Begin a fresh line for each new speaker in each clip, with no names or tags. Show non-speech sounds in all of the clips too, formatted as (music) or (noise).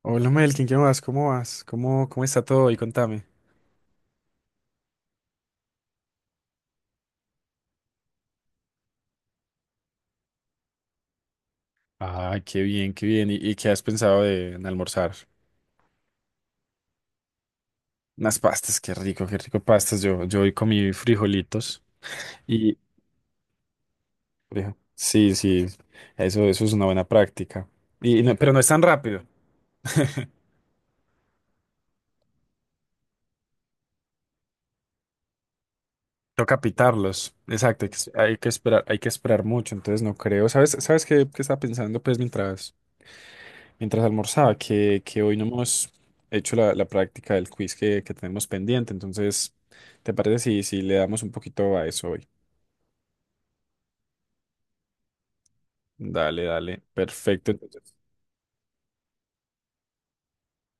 Hola Melkin, ¿qué más? ¿Cómo vas? ¿Cómo está todo? Y contame. Ah, qué bien, qué bien. ¿Y qué has pensado de, en almorzar? Unas pastas, qué rico pastas. Yo hoy comí frijolitos y sí, sí, eso es una buena práctica. Y, pero no es tan rápido. Toca pitarlos. Exacto, hay que esperar mucho. Entonces no creo. ¿Sabes, sabes qué, qué estaba pensando pues mientras mientras almorzaba que hoy no hemos hecho la práctica del quiz que tenemos pendiente. Entonces, ¿te parece si le damos un poquito a eso hoy? Dale, dale. Perfecto. Entonces,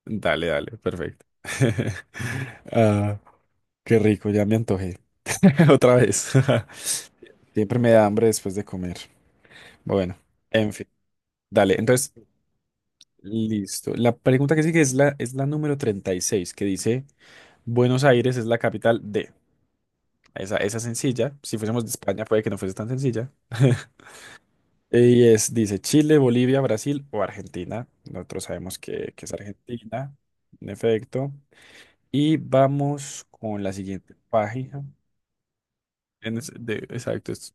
dale, dale. Perfecto. (laughs) Ah, qué rico, ya me antojé. (laughs) Otra vez. (laughs) Siempre me da hambre después de comer. Bueno, en fin. Dale, entonces, listo. La pregunta que sigue es es la número 36, que dice, Buenos Aires es la capital de... Esa es sencilla. Si fuésemos de España, puede que no fuese tan sencilla. (laughs) Y es, dice Chile, Bolivia, Brasil o Argentina. Nosotros sabemos que es Argentina, en efecto. Y vamos con la siguiente página. Exacto,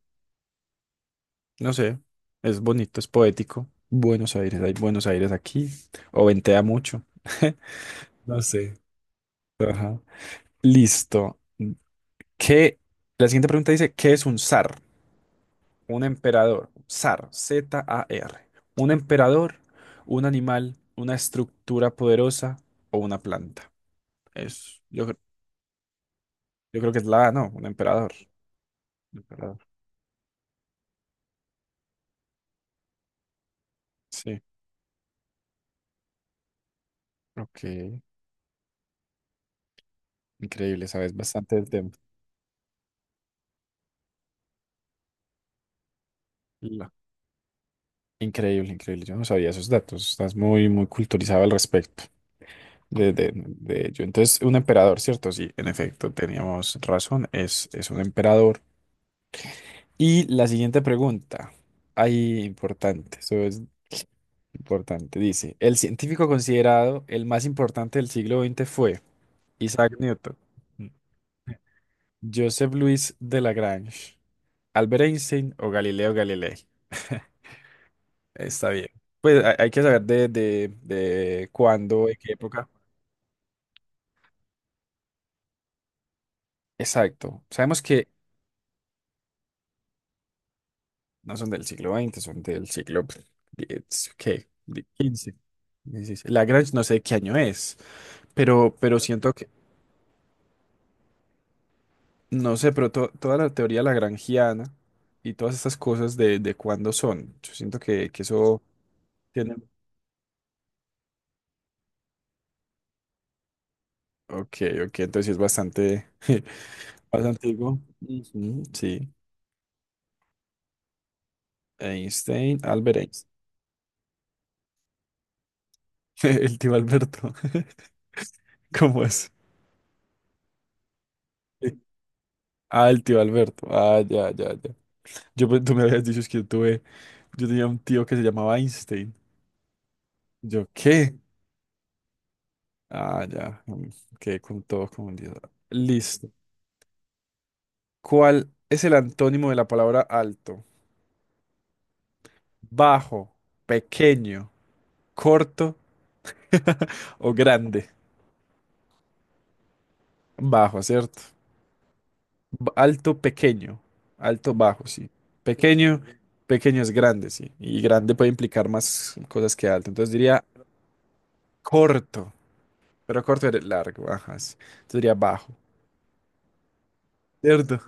no sé, es bonito, es poético. Buenos Aires, hay Buenos Aires aquí. O ventea mucho. (laughs) No sé. Ajá. Listo. ¿Qué? La siguiente pregunta dice, ¿qué es un zar? Un emperador, zar, Z-A-R. Un emperador, un animal, una estructura poderosa o una planta. Es, yo, cre- yo creo que es la A, ¿no? Un emperador. Un emperador. Sí, ok. Increíble, sabes bastante del tema. La- Increíble, increíble. Yo no sabía esos datos. Estás muy, muy culturizado al respecto de ello. Entonces, un emperador, ¿cierto? Sí, en efecto, teníamos razón. Es un emperador. Y la siguiente pregunta, ahí importante, eso es importante, dice, el científico considerado el más importante del siglo XX fue Isaac Newton, Joseph Louis de Lagrange, Albert Einstein o Galileo Galilei. (laughs) Está bien. Pues hay que saber de cuándo, de qué época. Exacto. Sabemos que no son del siglo XX, son del siglo X, ¿qué? Quince 15. Lagrange no sé qué año es, pero siento que no sé, pero toda la teoría lagrangiana y todas estas cosas de cuándo son, yo siento que eso tiene... Ok, ok, entonces sí es bastante, (laughs) bastante antiguo. Ujú, sí, Einstein, Albert Einstein, (laughs) el tío Alberto, (laughs) ¿cómo es? Sí. Ah, el tío Alberto, ah, ya, ya, ya. Yo, tú me habías dicho es que yo tuve, yo tenía un tío que se llamaba Einstein. ¿Yo qué? Ah, ya, mm, quedé con todo confundido. Listo. ¿Cuál es el antónimo de la palabra alto? Bajo, pequeño, corto (laughs) o grande. Bajo, ¿cierto? Alto, pequeño. Alto, bajo, sí. Pequeño, pequeño es grande, sí. Y grande puede implicar más cosas que alto. Entonces diría corto, pero corto es largo, ajá. Sí. Entonces diría bajo, ¿cierto?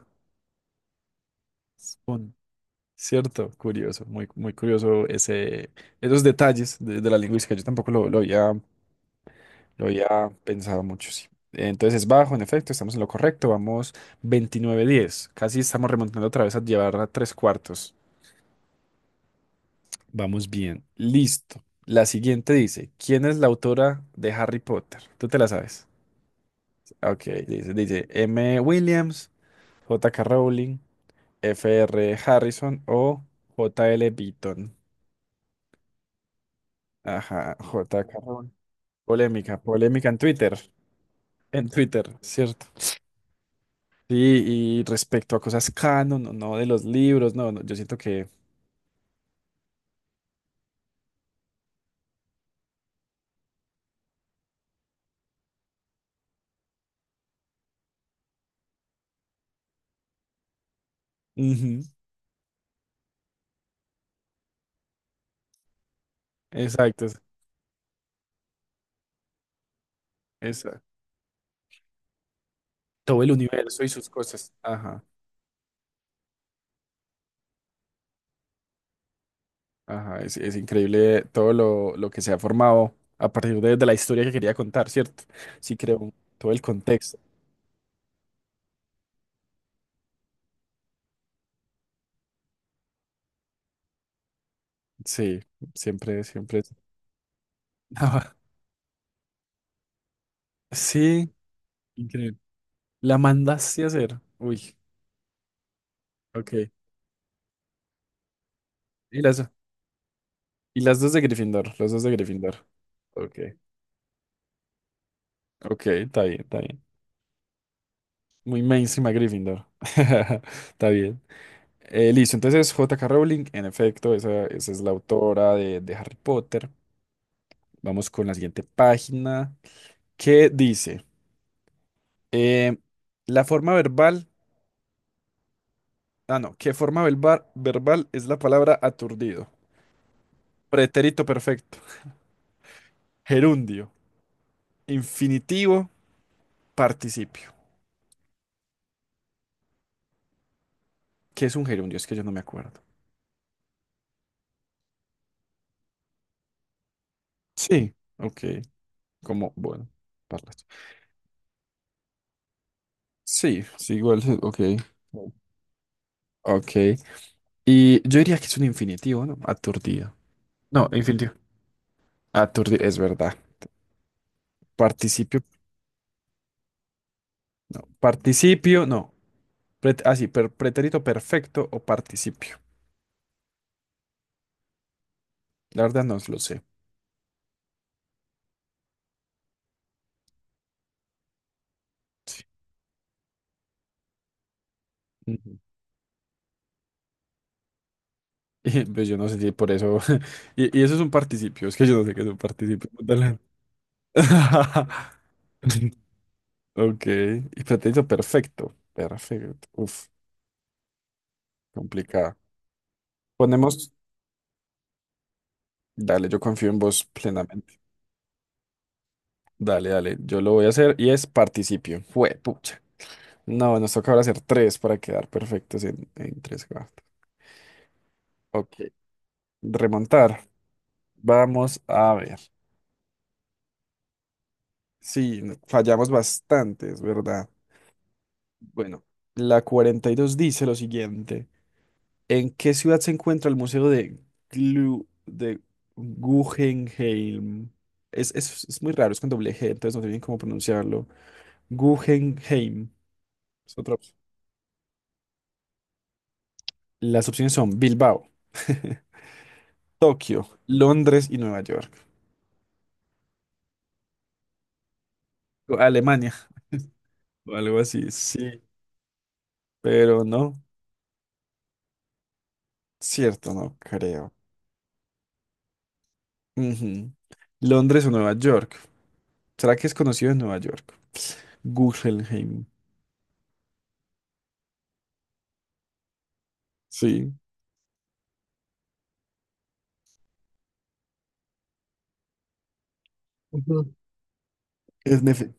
Un- ¿Cierto? Curioso, muy, muy curioso ese, esos detalles de la lingüística. Yo tampoco lo había. Lo había pensado mucho, sí. Entonces es bajo, en efecto, estamos en lo correcto. Vamos 29-10. Casi estamos remontando otra vez a llevar a tres cuartos. Vamos bien. Listo. La siguiente dice, ¿quién es la autora de Harry Potter? Tú te la sabes. Ok, dice M. Williams, J J.K. Rowling, F R Harrison o J L Beaton. Ajá, J.K. Rowling. Polémica, polémica en Twitter. En Twitter, ¿cierto? Sí, y respecto a cosas canon, no, no de los libros, no, no, yo siento que... Ujú, exacto, es todo el universo y sus cosas. Ajá, ajá, es increíble todo lo que se ha formado a partir de la historia que quería contar, ¿cierto? Sí, creo, todo el contexto. Sí, siempre, siempre. (laughs) Ajá, sí, increíble. La mandaste a hacer. Uy, ok. Y las, y las dos de Gryffindor, los dos de Gryffindor. Ok, ok, está bien, está bien. Muy mainstream a Gryffindor. (laughs) Está bien. Listo, entonces J K Rowling, en efecto, esa es la autora de Harry Potter. Vamos con la siguiente página qué dice, eh, la forma verbal, ah no, ¿qué forma verbal es la palabra aturdido? Pretérito perfecto, gerundio, infinitivo, participio. ¿Qué es un gerundio? Es que yo no me acuerdo. Sí, ok, como, bueno, parlas. Sí, sí, igual, (laughs) ok. Ok. Y yo diría que es un infinitivo, ¿no? Aturdido. No, infinitivo. Aturdido, es verdad. Participio, no. Participio, no. Ah, sí, pretérito perfecto o participio. La verdad no lo sé. Sí. Ujú. (laughs) Y, pues yo no sé si por eso. (laughs) Y eso es un participio. Es que yo no sé qué es un participio. Dale. (laughs) Ok. Y pretérito perfecto. Perfecto. Uf, complicado. Ponemos. Dale, yo confío en vos plenamente. Dale, dale. Yo lo voy a hacer y es participio. Fue, no, nos toca ahora hacer tres para quedar perfectos en tres cuartos. Ok, remontar. Vamos a ver. Sí, fallamos bastante, es verdad. Bueno, la 42 dice lo siguiente. ¿En qué ciudad se encuentra el Museo de Glu- de Guggenheim? Es muy raro, es con doble G, entonces no sé bien cómo pronunciarlo. Guggenheim. Es otra opción. Las opciones son Bilbao, (laughs) Tokio, Londres y Nueva York. Alemania. O algo así, sí, pero no, cierto, no creo. Ujú. Londres o Nueva York. ¿Será que es conocido en Nueva York? Guggenheim, sí. Ujú. Es nefe-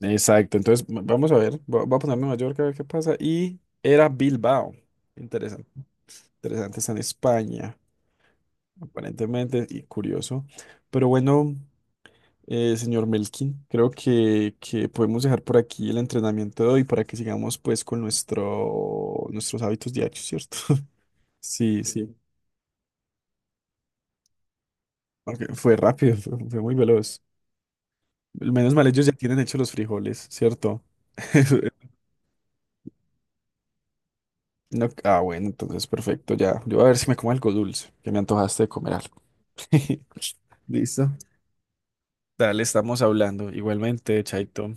Exacto, entonces vamos a ver, voy a poner Nueva York a ver qué pasa. Y era Bilbao, interesante, interesante, está en España, aparentemente, y curioso. Pero bueno, eh, señor Melkin, creo que podemos dejar por aquí el entrenamiento de hoy para que sigamos pues con nuestro, nuestros hábitos diarios, ¿cierto? (laughs) Sí, sí. Ok, fue rápido, fue muy veloz. Menos mal ellos ya tienen hechos los frijoles, ¿cierto? (laughs) No, ah, bueno, entonces perfecto, ya. Yo voy a ver si me como algo dulce, que me antojaste de comer algo. (laughs) Listo. Dale, estamos hablando. Igualmente, Chaito.